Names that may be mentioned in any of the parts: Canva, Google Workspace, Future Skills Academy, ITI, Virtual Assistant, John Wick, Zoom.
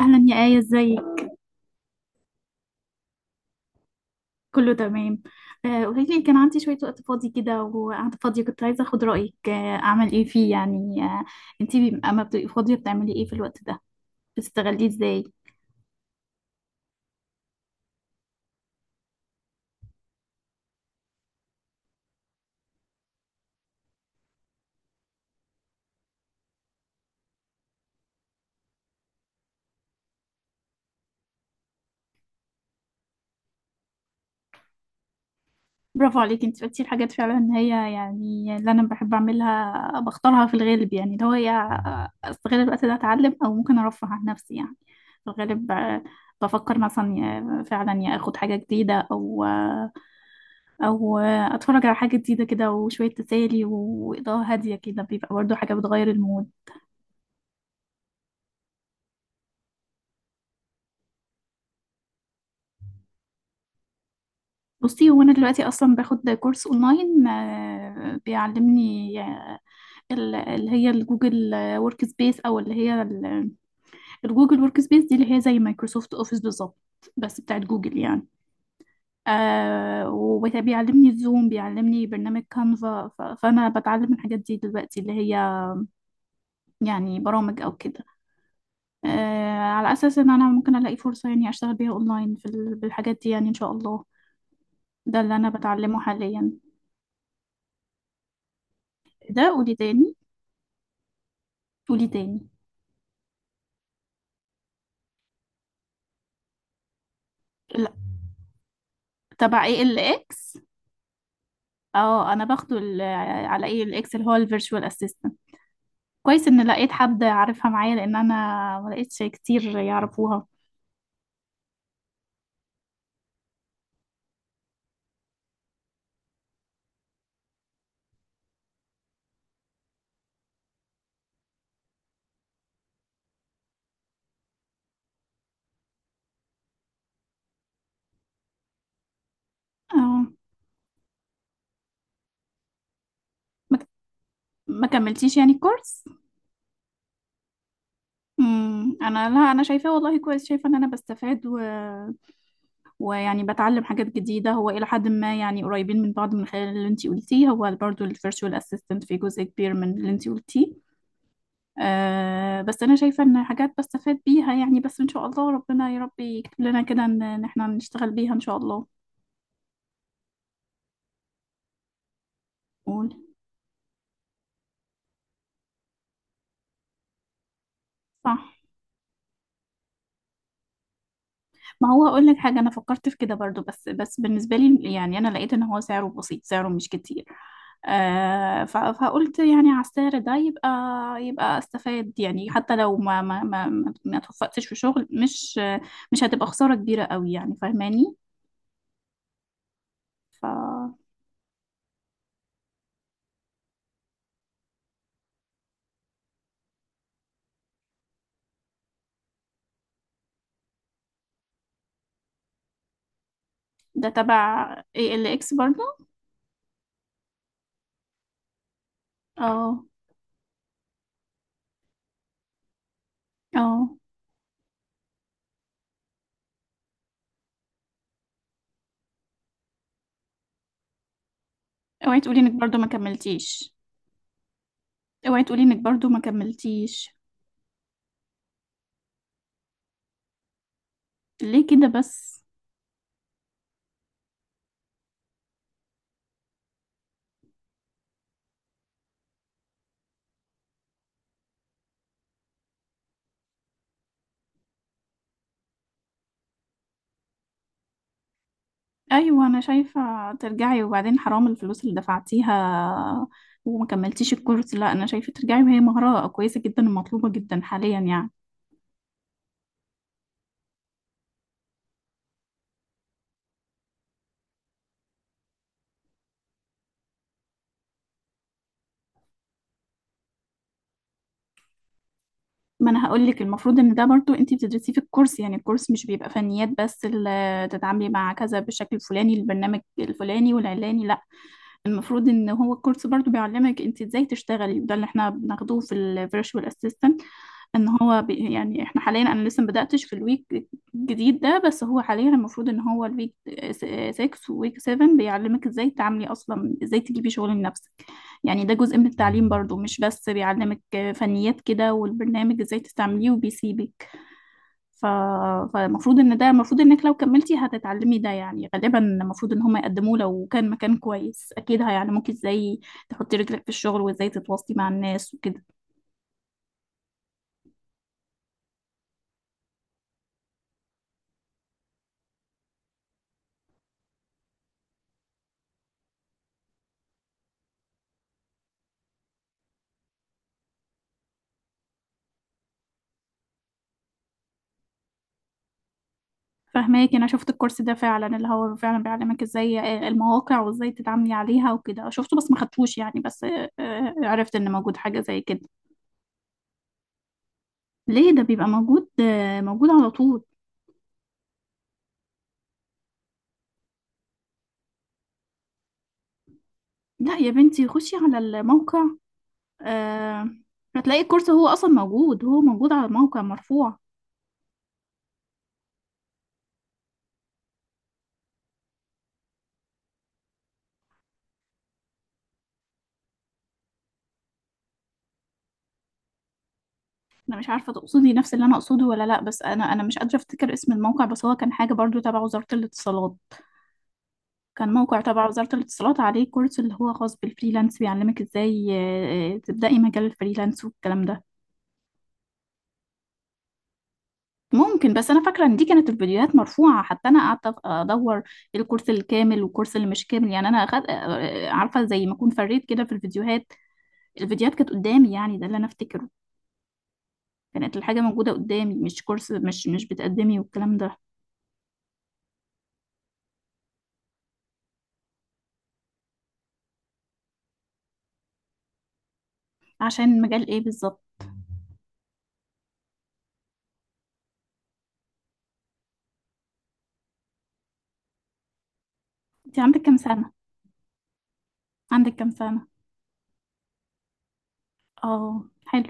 اهلا يا آية، ازيك؟ كله تمام. قولي لي، كان عندي شوية وقت فاضي كده وقاعدة فاضية، كنت عايزة اخد رأيك اعمل ايه فيه يعني. انتي اما بتبقي فاضية بتعملي ايه في الوقت ده؟ بتستغليه ازاي؟ برافو عليك، انت بتقولي الحاجات فعلا ان هي، يعني اللي انا بحب اعملها بختارها في الغالب، يعني اللي هو هي استغل الوقت ده اتعلم، او ممكن ارفه عن نفسي يعني. في الغالب بفكر مثلا فعلا يا اخد حاجة جديدة، او اتفرج على حاجة جديدة كده، وشوية تسالي واضاءة هادية كده بيبقى برضو حاجة بتغير المود. بصي، هو انا دلوقتي اصلا باخد كورس اونلاين، بيعلمني اللي هي الجوجل ورك سبيس، او اللي هي الجوجل ورك سبيس دي اللي هي زي مايكروسوفت اوفيس بالظبط، بس بتاعت جوجل يعني. آه، وبيعلمني الزوم، بيعلمني برنامج كانفا. فانا بتعلم الحاجات دي دلوقتي، اللي هي يعني برامج او كده، آه، على اساس ان انا ممكن الاقي فرصة يعني اشتغل بيها اونلاين بالحاجات دي يعني ان شاء الله. ده اللي انا بتعلمه حاليا. ده قولي تاني. قولي تاني. لا. تبع ايه الاكس؟ اه، انا باخده على ايه الاكس، اللي هو الفيرتشوال اسيستنت. كويس ان لقيت حد عارفها معايا، لان انا ما لقيتش كتير يعرفوها. اه. ما ما كملتيش يعني الكورس؟ انا، لا، انا شايفاه والله كويس، شايفه ان انا بستفاد، و... ويعني بتعلم حاجات جديده. هو الى حد ما يعني قريبين من بعض، من خلال اللي انتي قلتيه، هو برضو الفيرتشوال اسيستنت في جزء كبير من اللي انتي قلتيه. أه، بس انا شايفه ان حاجات بستفاد بيها يعني، بس ان شاء الله ربنا يا رب يكتب لنا كده إن احنا نشتغل بيها ان شاء الله. قول. صح. ما هو هقول لك حاجة، أنا فكرت في كده برضو، بس بالنسبة لي يعني أنا لقيت إن هو سعره بسيط، سعره مش كتير. آه، فقلت يعني على السعر ده يبقى، يبقى استفاد يعني. حتى لو ما توفقتش في شغل، مش مش هتبقى خسارة كبيرة قوي يعني، فاهماني. ف. ده تبع اي ال اكس برضو؟ اه. اه. اوعي تقولي انك برضو ما كملتيش. اوعي تقولي انك برضو ما كملتيش. ليه كده بس؟ ايوه انا شايفه ترجعي، وبعدين حرام الفلوس اللي دفعتيها وما كملتيش الكورس. لا انا شايفه ترجعي، وهي مهاره كويسه جدا ومطلوبه جدا حاليا يعني. ما انا هقول لك، المفروض ان ده برضو انت بتدرسيه في الكورس، يعني الكورس مش بيبقى فنيات بس اللي تتعاملي مع كذا بالشكل الفلاني، البرنامج الفلاني والعلاني، لا. المفروض ان هو الكورس برضو بيعلمك انت ازاي تشتغلي، وده اللي احنا بناخدوه في الفيرتشوال اسيستنت. ان هو بي يعني، احنا حاليا، انا لسه ما بداتش في الويك الجديد ده، بس هو حاليا المفروض ان هو الويك 6 وويك 7 بيعلمك ازاي تعملي، اصلا ازاي تجيبي شغل لنفسك. يعني ده جزء من التعليم برضو، مش بس بيعلمك فنيات كده والبرنامج ازاي تستعمليه وبيسيبك. ف. فالمفروض ان ده، المفروض انك لو كملتي هتتعلمي ده يعني، غالبا المفروض ان هم يقدموه. لو كان مكان كويس اكيد هيعلموك ازاي تحطي رجلك في الشغل وازاي تتواصلي مع الناس وكده. فهماكي، انا شفت الكورس ده فعلا، اللي هو فعلا بيعلمك ازاي المواقع وازاي تتعاملي عليها وكده، شفته بس ما خدتوش يعني. بس عرفت ان موجود حاجة زي كده. ليه؟ ده بيبقى موجود موجود على طول. لا يا بنتي، خشي على الموقع، آه، هتلاقي الكورس هو اصلا موجود، هو موجود على الموقع مرفوع. انا مش عارفة تقصدي نفس اللي انا اقصده ولا لا، بس انا مش قادرة افتكر اسم الموقع، بس هو كان حاجة برضو تبع وزارة الاتصالات. كان موقع تبع وزارة الاتصالات عليه كورس اللي هو خاص بالفريلانس، بيعلمك ازاي تبدأي مجال الفريلانس والكلام ده. ممكن، بس انا فاكره ان دي كانت الفيديوهات مرفوعه، حتى انا قعدت ادور الكورس الكامل والكورس اللي مش كامل يعني. انا أخد عارفه زي ما اكون فريت كده في الفيديوهات. الفيديوهات كانت قدامي يعني، ده اللي انا افتكره. كانت الحاجه موجوده قدامي، مش كورس مش مش بتقدمي والكلام ده. عشان مجال ايه بالظبط؟ انت عندك كام سنه؟ عندك كام سنه؟ اه حلو.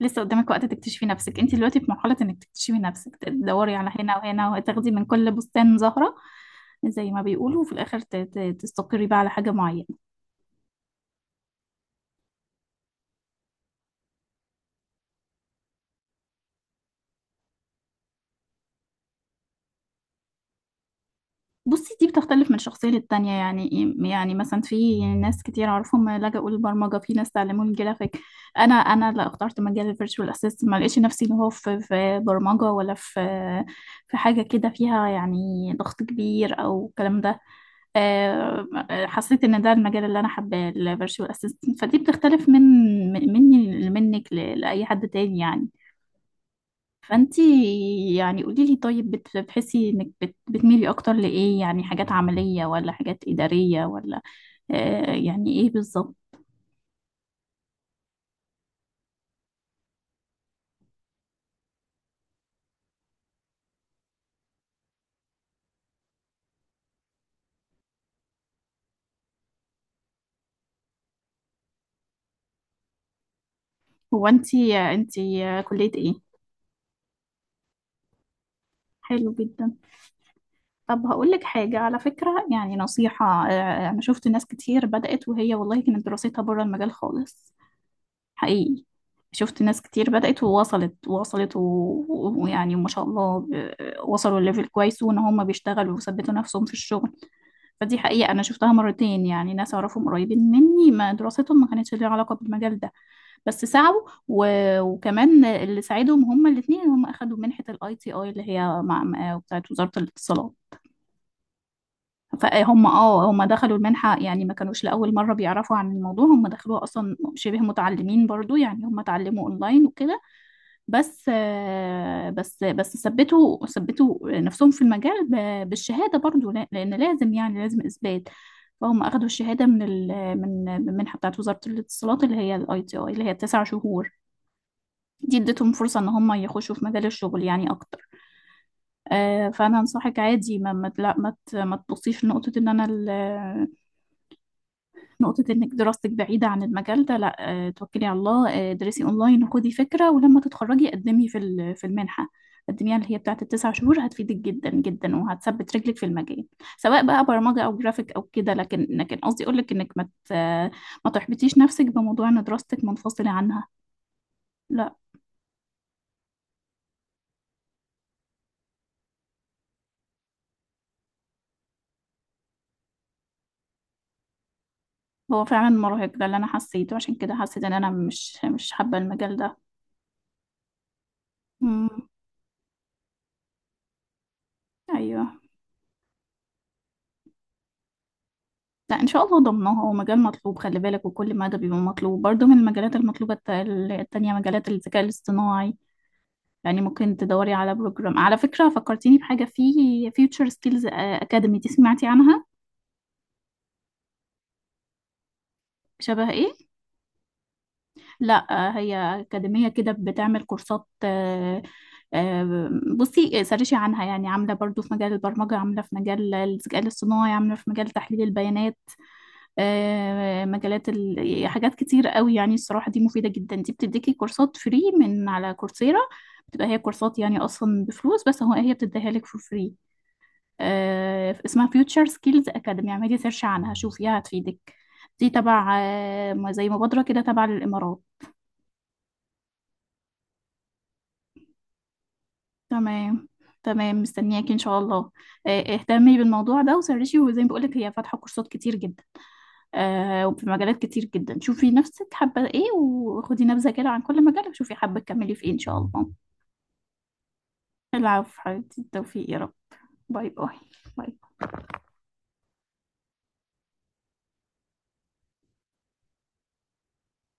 لسه قدامك وقت تكتشفي نفسك، انت دلوقتي في مرحلة انك تكتشفي نفسك، تدوري على هنا وهنا، وتاخدي من كل بستان زهرة زي ما بيقولوا، وفي الاخر تستقري بقى على حاجة معينة. بصي، دي بتختلف من شخصية للتانية يعني إيه؟ يعني مثلا في ناس كتير اعرفهم لجأوا للبرمجة، في ناس تعلموا الجرافيك. انا، انا لا اخترت مجال الفيرتشوال اسيست، ما لقيتش نفسي اللي هو في برمجة ولا في في حاجة كده فيها يعني ضغط كبير او الكلام ده. آه، حسيت ان ده المجال اللي انا حباه، الفيرتشوال اسيستنت. فدي بتختلف من مني منك لاي حد تاني يعني. فانتي، يعني قولي لي طيب، بتحسي انك بتميلي اكتر لايه؟ يعني حاجات عملية ولا حاجات ادارية ولا يعني ايه بالظبط؟ هو انتي، كلية ايه؟ حلو جدا. طب هقول لك حاجة على فكرة، يعني نصيحة، انا شفت ناس كتير بدأت وهي والله كانت دراستها بره المجال خالص، حقيقي. شفت ناس كتير بدأت ووصلت ووصلت ويعني ما شاء الله، ب، وصلوا لليفل كويس وان هم بيشتغلوا وثبتوا نفسهم في الشغل. فدي حقيقة انا شفتها مرتين، يعني ناس اعرفهم قريبين مني ما دراستهم ما كانتش ليها علاقة بالمجال ده، بس سعوا. و، وكمان اللي ساعدهم هم الاثنين، هم اخدوا منحة الاي تي اي اللي هي بتاعت وزارة الاتصالات. فهم اه، هم دخلوا المنحة يعني، ما كانوش لأول مرة بيعرفوا عن الموضوع، هم دخلوها أصلا شبه متعلمين برضو يعني، هم اتعلموا أونلاين وكده. بس آه، بس بس ثبتوا، ثبتوا نفسهم في المجال بالشهادة برضو، لأن لازم يعني لازم إثبات. فهم أخدوا الشهادة من ال من من المنحة بتاعت وزارة الاتصالات، اللي هي الاي تي اي، اللي هي ال9 شهور دي، ادتهم فرصة إن هم يخشوا في مجال الشغل يعني أكتر. فأنا أنصحك عادي، ما ما لا ما ت- ما تبصيش لنقطة إن أنا، نقطة إنك دراستك بعيدة عن المجال ده، لا. توكلي على الله، درسي أونلاين وخدي فكرة، ولما تتخرجي قدمي في المنحة، قدميها، اللي هي بتاعة ال9 شهور، هتفيدك جدا جدا، وهتثبت رجلك في المجال، سواء بقى برمجة أو جرافيك أو كده. لكن قصدي أقولك إنك ما ت- آه، ما تحبطيش نفسك بموضوع إن دراستك منفصلة عنها، لا. هو فعلا مرهق، ده اللي أنا حسيته، عشان كده حسيت إن أنا مش مش حابة المجال ده. مم. أيوه. لا ان شاء الله ضمنها، هو مجال مطلوب خلي بالك، وكل مادة بيبقى مطلوب برضه. من المجالات المطلوبة التانية مجالات الذكاء الاصطناعي. يعني ممكن تدوري على بروجرام، على فكرة فكرتيني بحاجة، في فيوتشر سكيلز اكاديمي، دي سمعتي عنها؟ شبه ايه؟ لا هي أكاديمية كده بتعمل كورسات. آه، بصي سرشي عنها يعني، عاملة برضو في مجال البرمجة، عاملة في مجال الذكاء الاصطناعي، عاملة في مجال تحليل البيانات، مجالات، ال... يعني حاجات كتير قوي يعني، الصراحة دي مفيدة جدا. دي بتديكي كورسات فري من على كورسيرا، بتبقى هي كورسات يعني أصلا بفلوس، بس هو هي بتديها لك فور فري. اسمها فيوتشر سكيلز أكاديمي، اعملي سيرش عنها شوفيها هتفيدك. دي تبع زي مبادرة كده تبع للإمارات. تمام. تمام مستنياكي إن شاء الله. اهتمي بالموضوع ده وسرشي، وزي ما بقولك هي فاتحة كورسات كتير جدا، وفي مجالات كتير جدا، شوفي نفسك حابة ايه، وخدي نبذة كده عن كل مجال، وشوفي حابة تكملي في ايه ان شاء الله. العفو حبيبتي، التوفيق يا رب. باي باي. باي.